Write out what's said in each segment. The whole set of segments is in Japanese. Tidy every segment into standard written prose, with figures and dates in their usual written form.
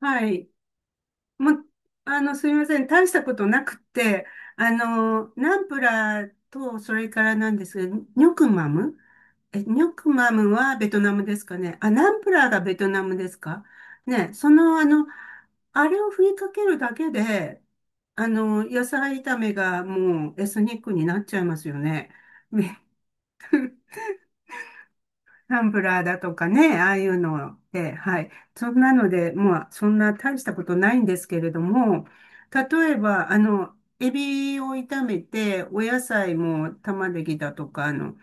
はい。もうすみません。大したことなくて、ナンプラーと、それからなんですが、ニョクマム。ニョクマムはベトナムですかね。あ、ナンプラーがベトナムですかね。あれを振りかけるだけで、野菜炒めがもうエスニックになっちゃいますよね。タンブラーだとかね、ああいうので、はい。そんなので、まあ、そんな大したことないんですけれども、例えば、エビを炒めて、お野菜も玉ねぎだとか、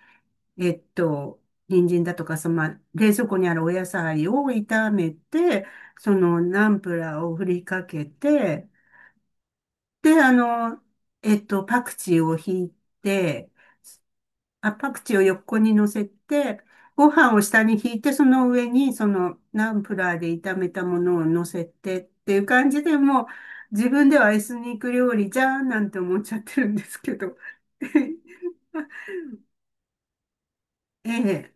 えっと、人参だとか、まあ冷蔵庫にあるお野菜を炒めて、ナンプラーを振りかけて、で、パクチーをひいて、あ、パクチーを横に乗せて、ご飯を下に引いて、その上に、ナンプラーで炒めたものを乗せてっていう感じでもう、自分ではエスニック料理じゃーんなんて思っちゃってるんですけど。ええ、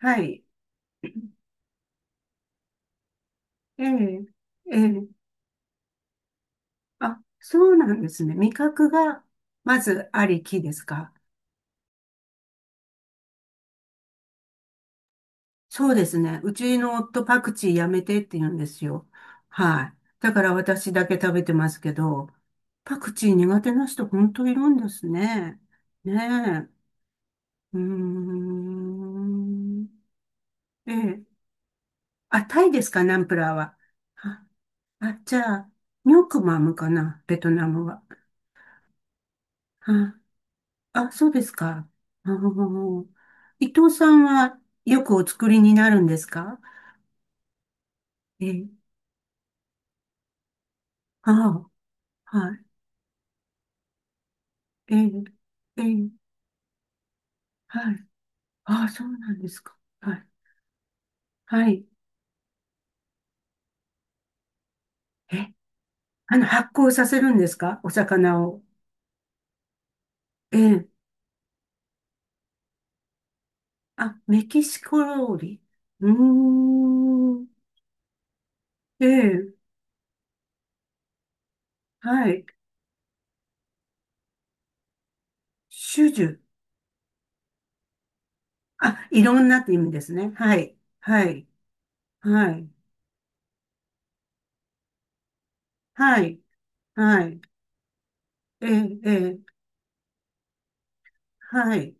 はい。ええ、ええ。あ、そうなんですね。味覚が、まずありきですか？そうですね。うちの夫パクチーやめてって言うんですよ。はい。だから私だけ食べてますけど、パクチー苦手な人本当いるんですね。ねえ。うーん。ええ。あ、タイですか、ナンプラーは。あ、あじゃあ、ニョクマムかな、ベトナムは。あ、あ、そうですか。あー、伊藤さんはよくお作りになるんですか？ええ、ああ。はい。ええ、ええ、はい。ああ、そうなんですか。はい。はい。え、発酵させるんですかお魚を。ええ。あ、メキシコ料理。うーん。ええ、はい。種々。あ、いろんなって意味ですね。はい。はい。はい。はい。はい。ええ、ええ、はい。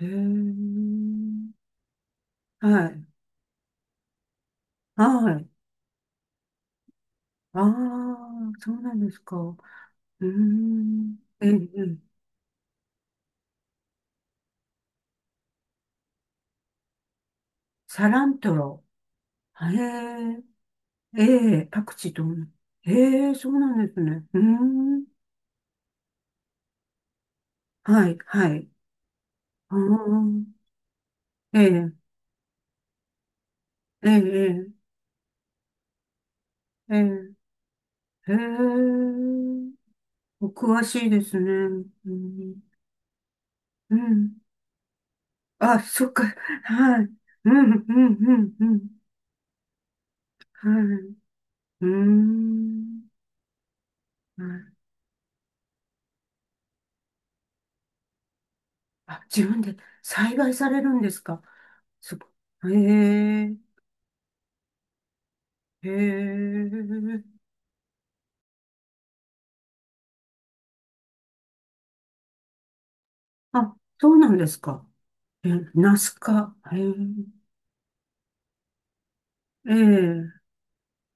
へえ。はい。はい。ああ、そうなんですか。うーん。ええ、ええ、サラントロ。へえ、ええ、パクチーと同じ。へえ、そうなんですね。うーん。はい、はい。うーん。ええ、ええ、ええ、ええ、へえ。お詳しいですね。うん。うん。あ、そっか。はい。うん、うん、うん、うん。はい。うーん。はい。あ、自分で栽培されるんですか？すごい。へえ、へえ。あ、そうなんですか。え、ナス科。へえ。ええ、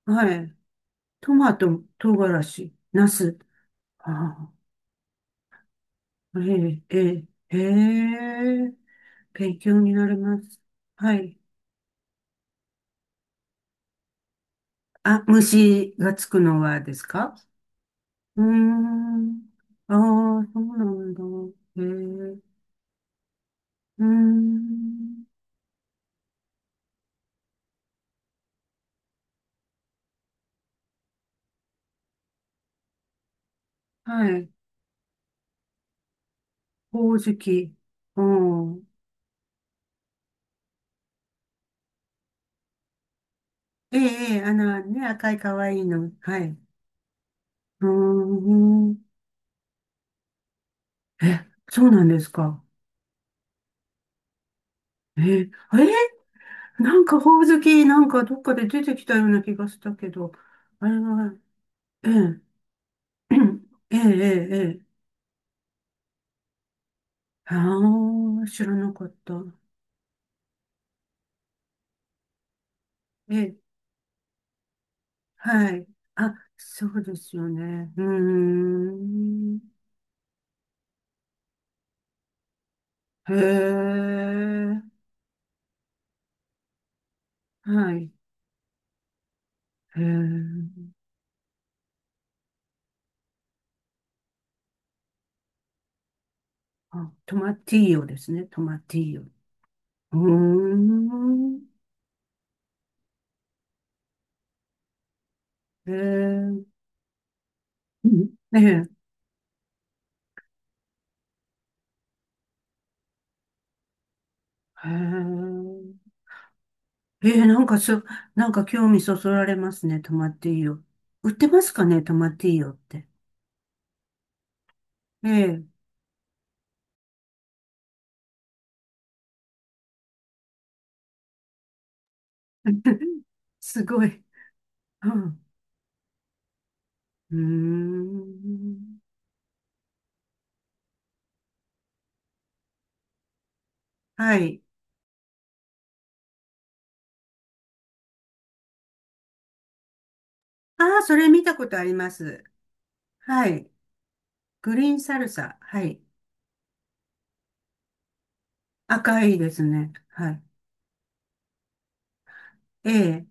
はい。トマト、唐辛子、ナス。ああ、ええ、ええ、へえ。勉強になります。はい。あ、虫がつくのはですか？うーん。ああ、そうなんだ。へえ。うーん。はい。ほおずき。うん。ええ、ええ、ね、赤い可愛いの。はい。うーん。え、そうなんですか。えー、えなんかほおずき、なんかどっかで出てきたような気がしたけど、あれは、ええ、ええ、ええ、ええ。ああ、知らなかった。ええ、はい。あ、そうですよね。うーん。へえ、はい。へえ、あ、トマティーヨですね、トマティーヨ。うーん。へえ、うん。ええ、へえ。えー、なんかそ、なんか興味そそられますね。泊まっていいよ。売ってますかね、泊まっていいよって。ええ。 すごい。うん。うーん。はい。ああ、それ見たことあります。はい。グリーンサルサ。はい。赤いですね。はい。ええ。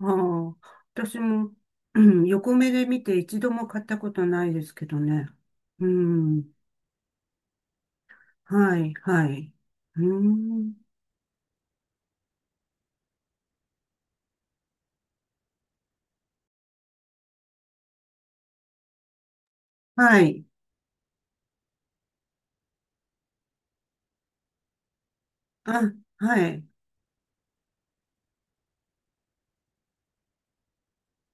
ああ、私も、うん、横目で見て一度も買ったことないですけどね。うん。はい、はい。うん。はい。あ、はい。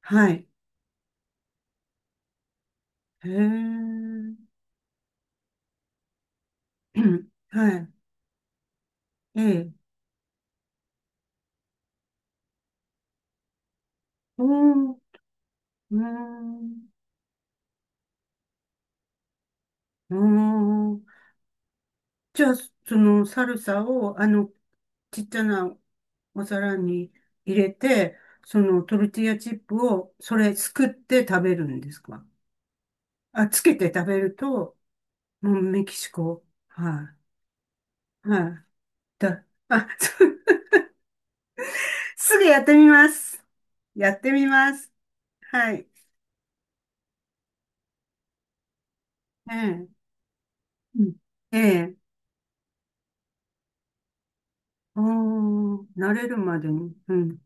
はい。へえ。はい。ええ。おー、うーん。うーん。じゃあ、そのサルサを、ちっちゃなお皿に入れて、そのトルティーヤチップを、それすくって食べるんですか？あ、つけて食べると、もうメキシコ。はい。はい。あ、すぐやってみます。やってみます。はい。ええ。うん。ええ。ああ、慣れるまでに。うん。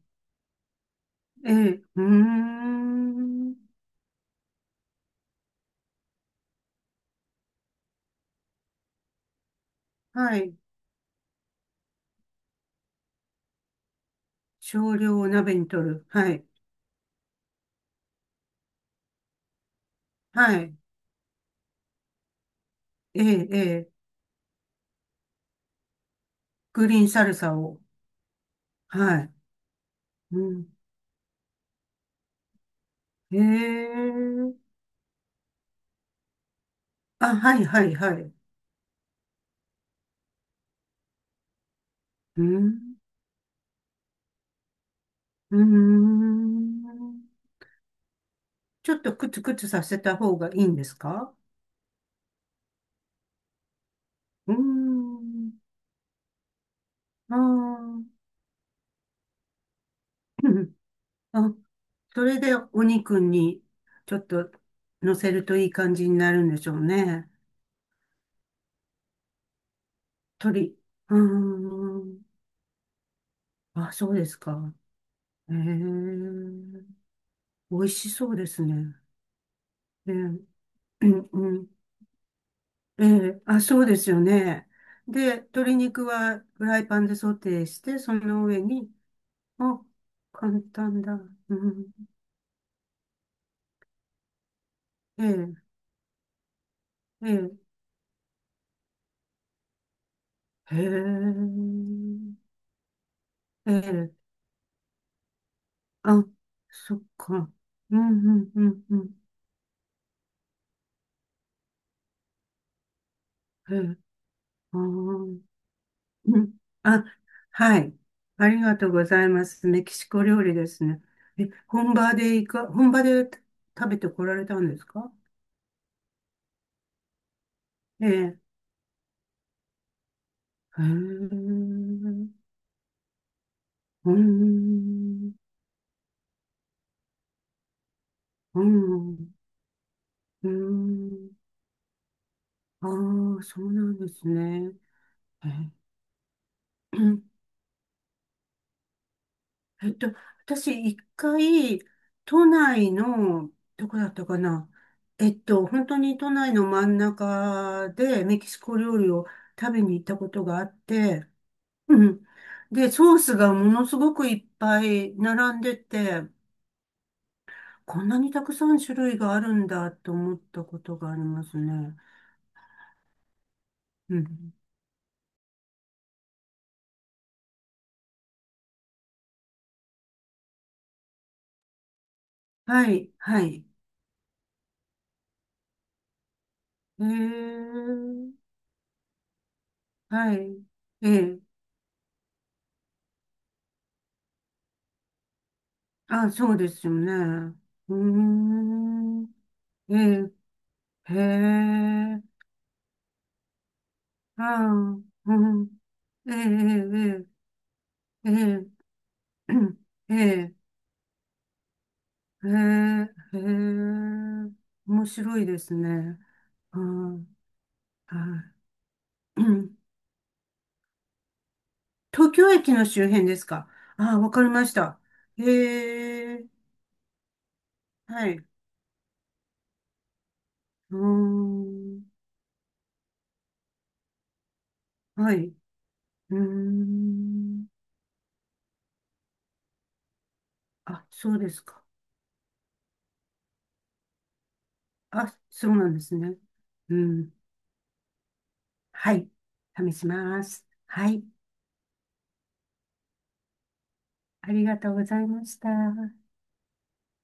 ええ、うーん。はい。少量を鍋に取る。はい。はい。ええ、ええ。グリーンサルサを。はい。うん。ええ。あ、はい、はい、はい。うん。うーん。ちょっとクツクツさせた方がいいんですか？うーん。あー、うん。 あ、それでお肉にちょっと乗せるといい感じになるんでしょうね。鳥。うーん。あ、そうですか。えー、美味しそうですね。えー、うんうん。あ、そうですよね。で、鶏肉はフライパンでソテーして、その上に、あ、簡単だ。うん、えー、えー、へーえー、あ、そっか。うん、うん、うん、うん。えー、あー、うん。あ、はい。ありがとうございます。メキシコ料理ですね。え、本場で食べてこられたんですか？ええ。へえ。うん。うん。うん。ああ、そうなんですね。えええ、私、一回、都内の、どこだったかな。本当に都内の真ん中でメキシコ料理を食べに行ったことがあって、うん。で、ソースがものすごくいっぱい並んでて、こんなにたくさん種類があるんだと思ったことがありますね。うん。はい、はい。えー、はい。ええ。あ、そうですよね。うーん。ええ。へえ、ああ、うん、ええ、ええ、ええ、ええ、ええ、へえ。面白いですね。うん、はい。うん。東京駅の周辺ですか？ああ、わかりました。へえ、はい。うーん、はい。うーん、あ、そうですか。あ、そうなんですね。うん、はい。試します。はい。ありがとうございました。